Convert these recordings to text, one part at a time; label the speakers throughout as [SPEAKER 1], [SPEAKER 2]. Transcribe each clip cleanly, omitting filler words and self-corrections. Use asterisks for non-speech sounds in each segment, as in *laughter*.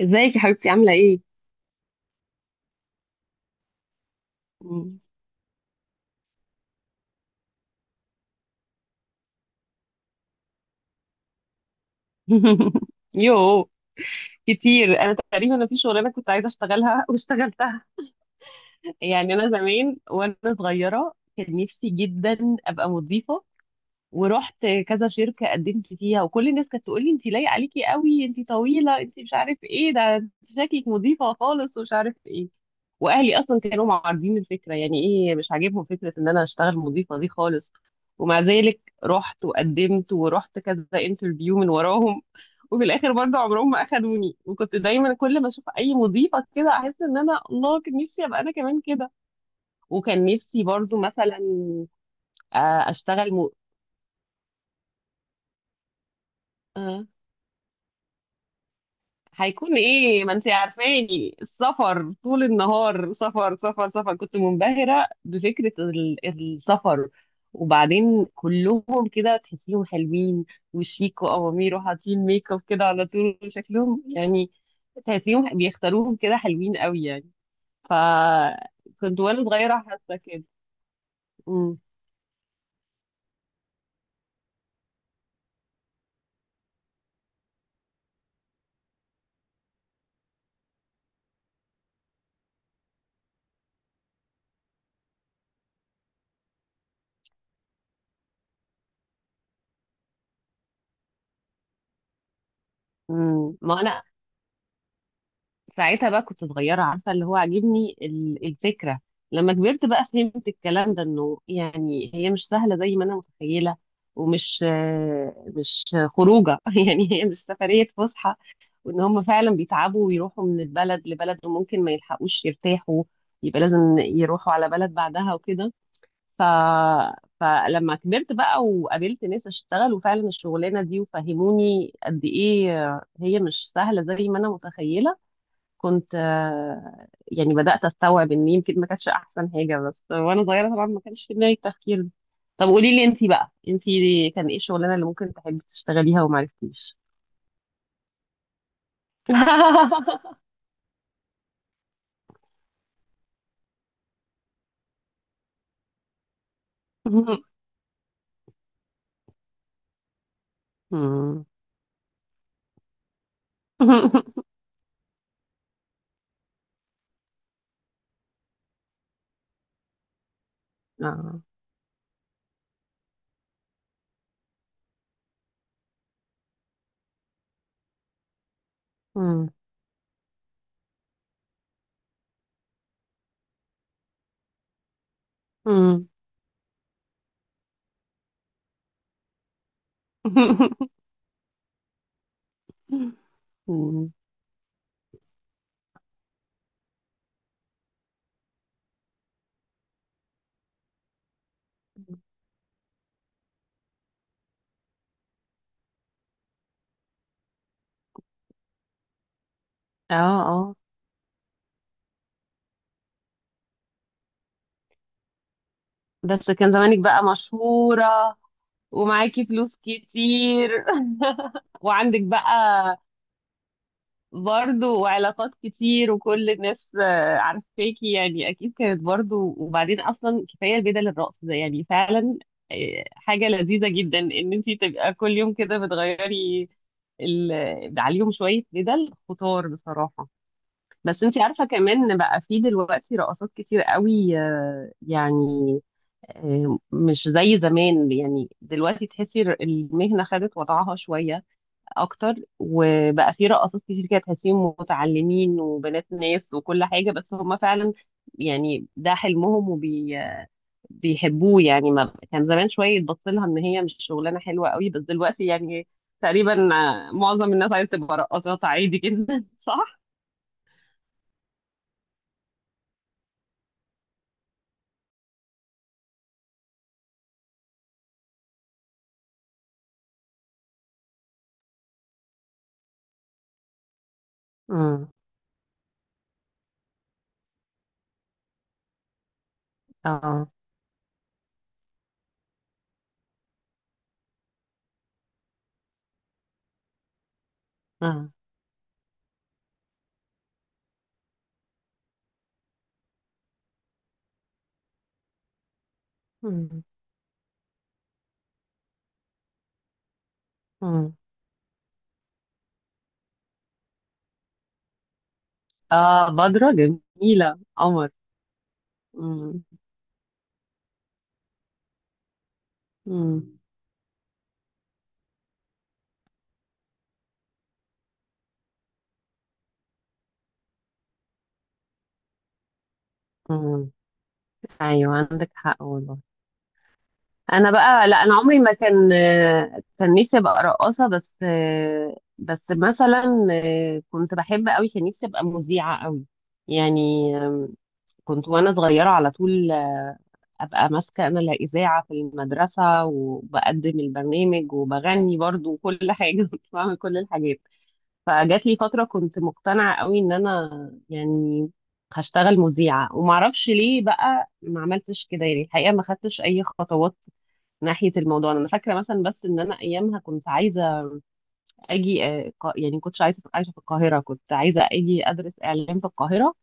[SPEAKER 1] ازيك يا حبيبتي؟ عاملة ايه؟ مم. *laughs* يو كتير. انا تقريبا في شغلانة كنت عايزة اشتغلها واشتغلتها. يعني انا زمان وانا صغيرة كان نفسي جدا ابقى مضيفة، ورحت كذا شركة قدمت فيها، وكل الناس كانت تقول لي انت لايقة عليكي قوي، انت طويلة، انت مش عارف ايه ده، انت شكلك مضيفة خالص ومش عارف ايه. واهلي اصلا كانوا معارضين الفكرة، يعني ايه مش عاجبهم فكرة ان انا اشتغل مضيفة دي خالص. ومع ذلك رحت وقدمت ورحت كذا انترفيو من وراهم، وفي الاخر برضه عمرهم ما اخدوني. وكنت دايما كل ما اشوف اي مضيفة كده احس ان انا، الله، كان نفسي ابقى انا كمان كده. وكان نفسي برضه مثلا اشتغل آه، هيكون ايه، ما انت عارفاني السفر طول النهار، سفر سفر سفر. كنت منبهرة بفكرة السفر. وبعدين كلهم كده تحسيهم حلوين وشيك وأوامير وحاطين ميك اب كده على طول، شكلهم يعني تحسيهم بيختاروهم كده حلوين قوي يعني. فكنت وانا صغيرة حاسة كده. امم أمم. ما انا ساعتها بقى كنت صغيرة، عارفة اللي هو عاجبني الفكرة. لما كبرت بقى فهمت الكلام ده، انه يعني هي مش سهلة زي ما انا متخيلة. ومش مش خروجة. *laughs* يعني هي مش سفرية فسحة، وان هم فعلا بيتعبوا ويروحوا من البلد لبلد، وممكن ما يلحقوش يرتاحوا، يبقى لازم يروحوا على بلد بعدها وكده. ف... فلما كبرت بقى وقابلت ناس اشتغل وفعلا الشغلانة دي، وفهموني قد ايه هي مش سهلة زي ما انا متخيلة، كنت يعني بدأت أستوعب إن يمكن ما كانتش أحسن حاجة. بس وأنا صغيرة طبعا ما كانش في دماغي التفكير ده. طب قولي لي، أنتي بقى أنتي كان إيه الشغلانة اللي ممكن تحبي تشتغليها وما عرفتيش؟ *laughs* مم. *laughs* آه. مم. مم. *laughs* مم. اه، اه، بس كان زمانك بقى مشهورة، ومعاكي فلوس كتير. *laughs* وعندك بقى برضه وعلاقات كتير، وكل الناس عارفاكي يعني اكيد كانت برضه. وبعدين اصلا كفايه بدل الرقص ده، يعني فعلا حاجه لذيذه جدا ان انت تبقى كل يوم كده بتغيري عليهم شويه، بدل خطار بصراحه. بس انت عارفه كمان ان بقى في دلوقتي رقصات كتير قوي، يعني مش زي زمان. يعني دلوقتي تحسي المهنه خدت وضعها شويه اكتر، وبقى في رقصات كتير كده تحسيهم متعلمين وبنات ناس وكل حاجه. بس هم فعلا يعني ده حلمهم وبيحبوه. يعني ما كان زمان شويه يتبص لها ان هي مش شغلانه حلوه قوي، بس دلوقتي يعني تقريبا معظم الناس عايزه تبقى رقاصات عادي جدا. *laughs* صح؟ امم. اه. اه. امم. امم. اه، بدرة جميله قمر. امم. امم. ايوه عندك حق والله. انا بقى لا، انا عمري ما كان كان نفسي ابقى رقاصه. بس بس مثلا كنت بحب قوي، كان نفسي ابقى مذيعه قوي يعني. كنت وانا صغيره على طول ابقى ماسكه انا الاذاعه في المدرسه، وبقدم البرنامج وبغني برضو وكل حاجه. *laughs* كنت بعمل كل الحاجات. فجات لي فتره كنت مقتنعه قوي ان انا يعني هشتغل مذيعه. ومعرفش ليه بقى ما عملتش كده، يعني الحقيقه ما خدتش اي خطوات ناحيه الموضوع. انا فاكره مثلا بس ان انا ايامها كنت عايزه اجي يعني كنتش عايزه أبقى عايشه في القاهره، كنت عايزه اجي ادرس اعلام في القاهره،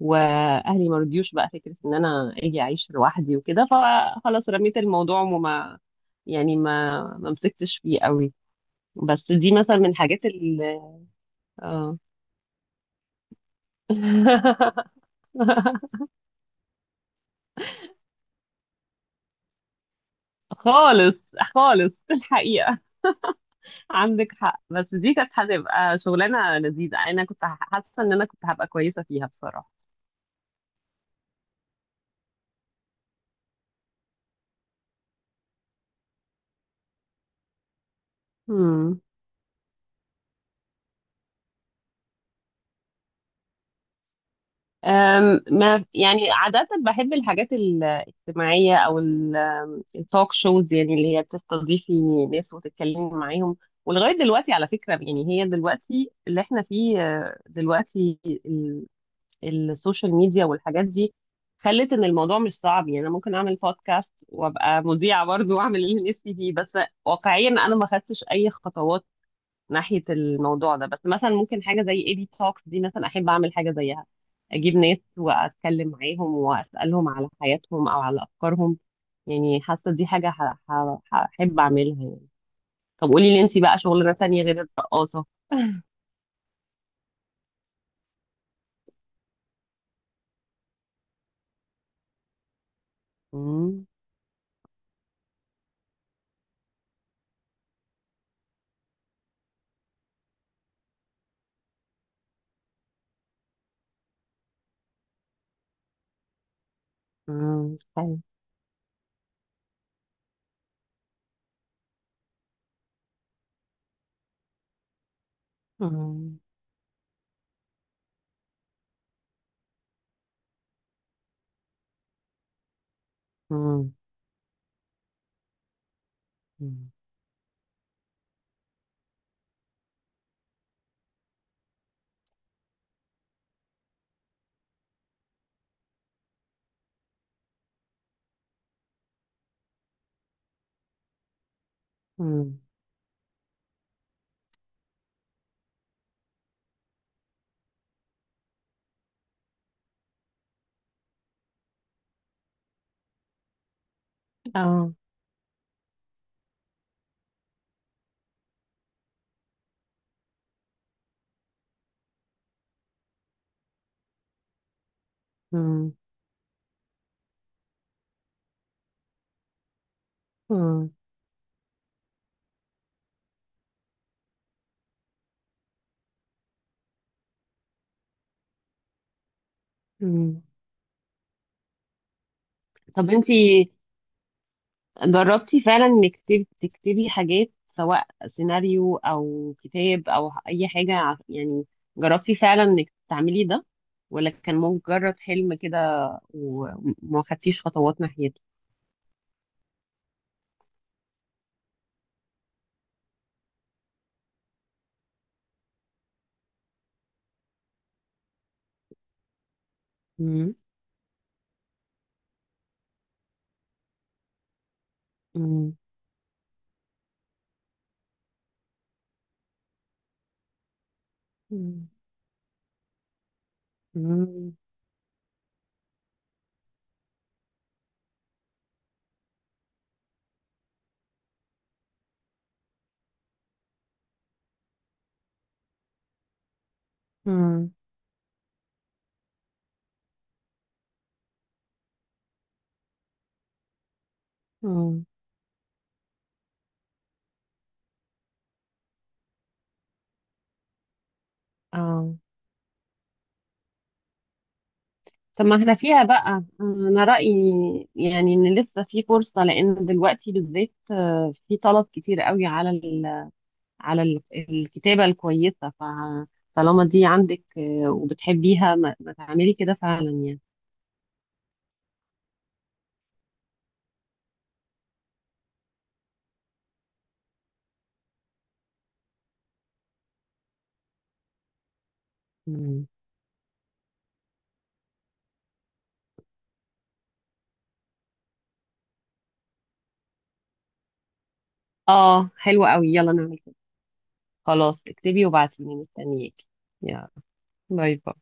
[SPEAKER 1] واهلي ما رضيوش بقى فكره ان انا اجي اعيش لوحدي وكده. فخلاص رميت الموضوع وما يعني ما مسكتش فيه قوي. بس دي مثلا من الحاجات اللي اه. *laughs* خالص خالص الحقيقة عندك حق. بس دي كانت هتبقى شغلانة لذيذة، أنا كنت حاسة إن أنا كنت هبقى كويسة فيها بصراحة. امم. ما يعني عادة بحب الحاجات الاجتماعية أو التوك شوز، يعني اللي هي بتستضيفي ناس وتتكلمي معاهم. ولغاية دلوقتي على فكرة، يعني هي دلوقتي اللي احنا فيه، دلوقتي ال- السوشيال ميديا والحاجات دي خلت ان الموضوع مش صعب. يعني انا ممكن اعمل بودكاست وابقى مذيعة برضه، واعمل اللي نفسي فيه. بس واقعيا انا ما خدتش اي خطوات ناحية الموضوع ده. بس مثلا ممكن حاجة زي اي بي توكس دي مثلا احب اعمل حاجة زيها، اجيب ناس واتكلم معاهم واسألهم على حياتهم او على افكارهم. يعني حاسة دي حاجة هحب اعملها يعني. طب قولي لي انتي بقى شغلانة تانية غير الرقاصة. مم. مم. طيب. مم. مم. مم. مم. اه. مم. مم. مم. طب انتي جربتي فعلا انك تكتبي حاجات، سواء سيناريو او كتاب او اي حاجة، يعني جربتي فعلا انك تعملي ده، ولا كان مجرد حلم كده وما خدتيش خطوات ناحيته؟ مم. مم. مم. مم. مم. مم. اه. طب ما احنا فيها بقى. انا رأيي يعني ان لسه في فرصة، لان دلوقتي بالذات في طلب كتير قوي على على الكتابة الكويسة. فطالما دي عندك وبتحبيها، ما تعملي كده فعلا يعني. مم. اه حلوة قوي، يلا نعمل كده. خلاص اكتبي وبعتيلي، مستنياكي. يلا، باي باي.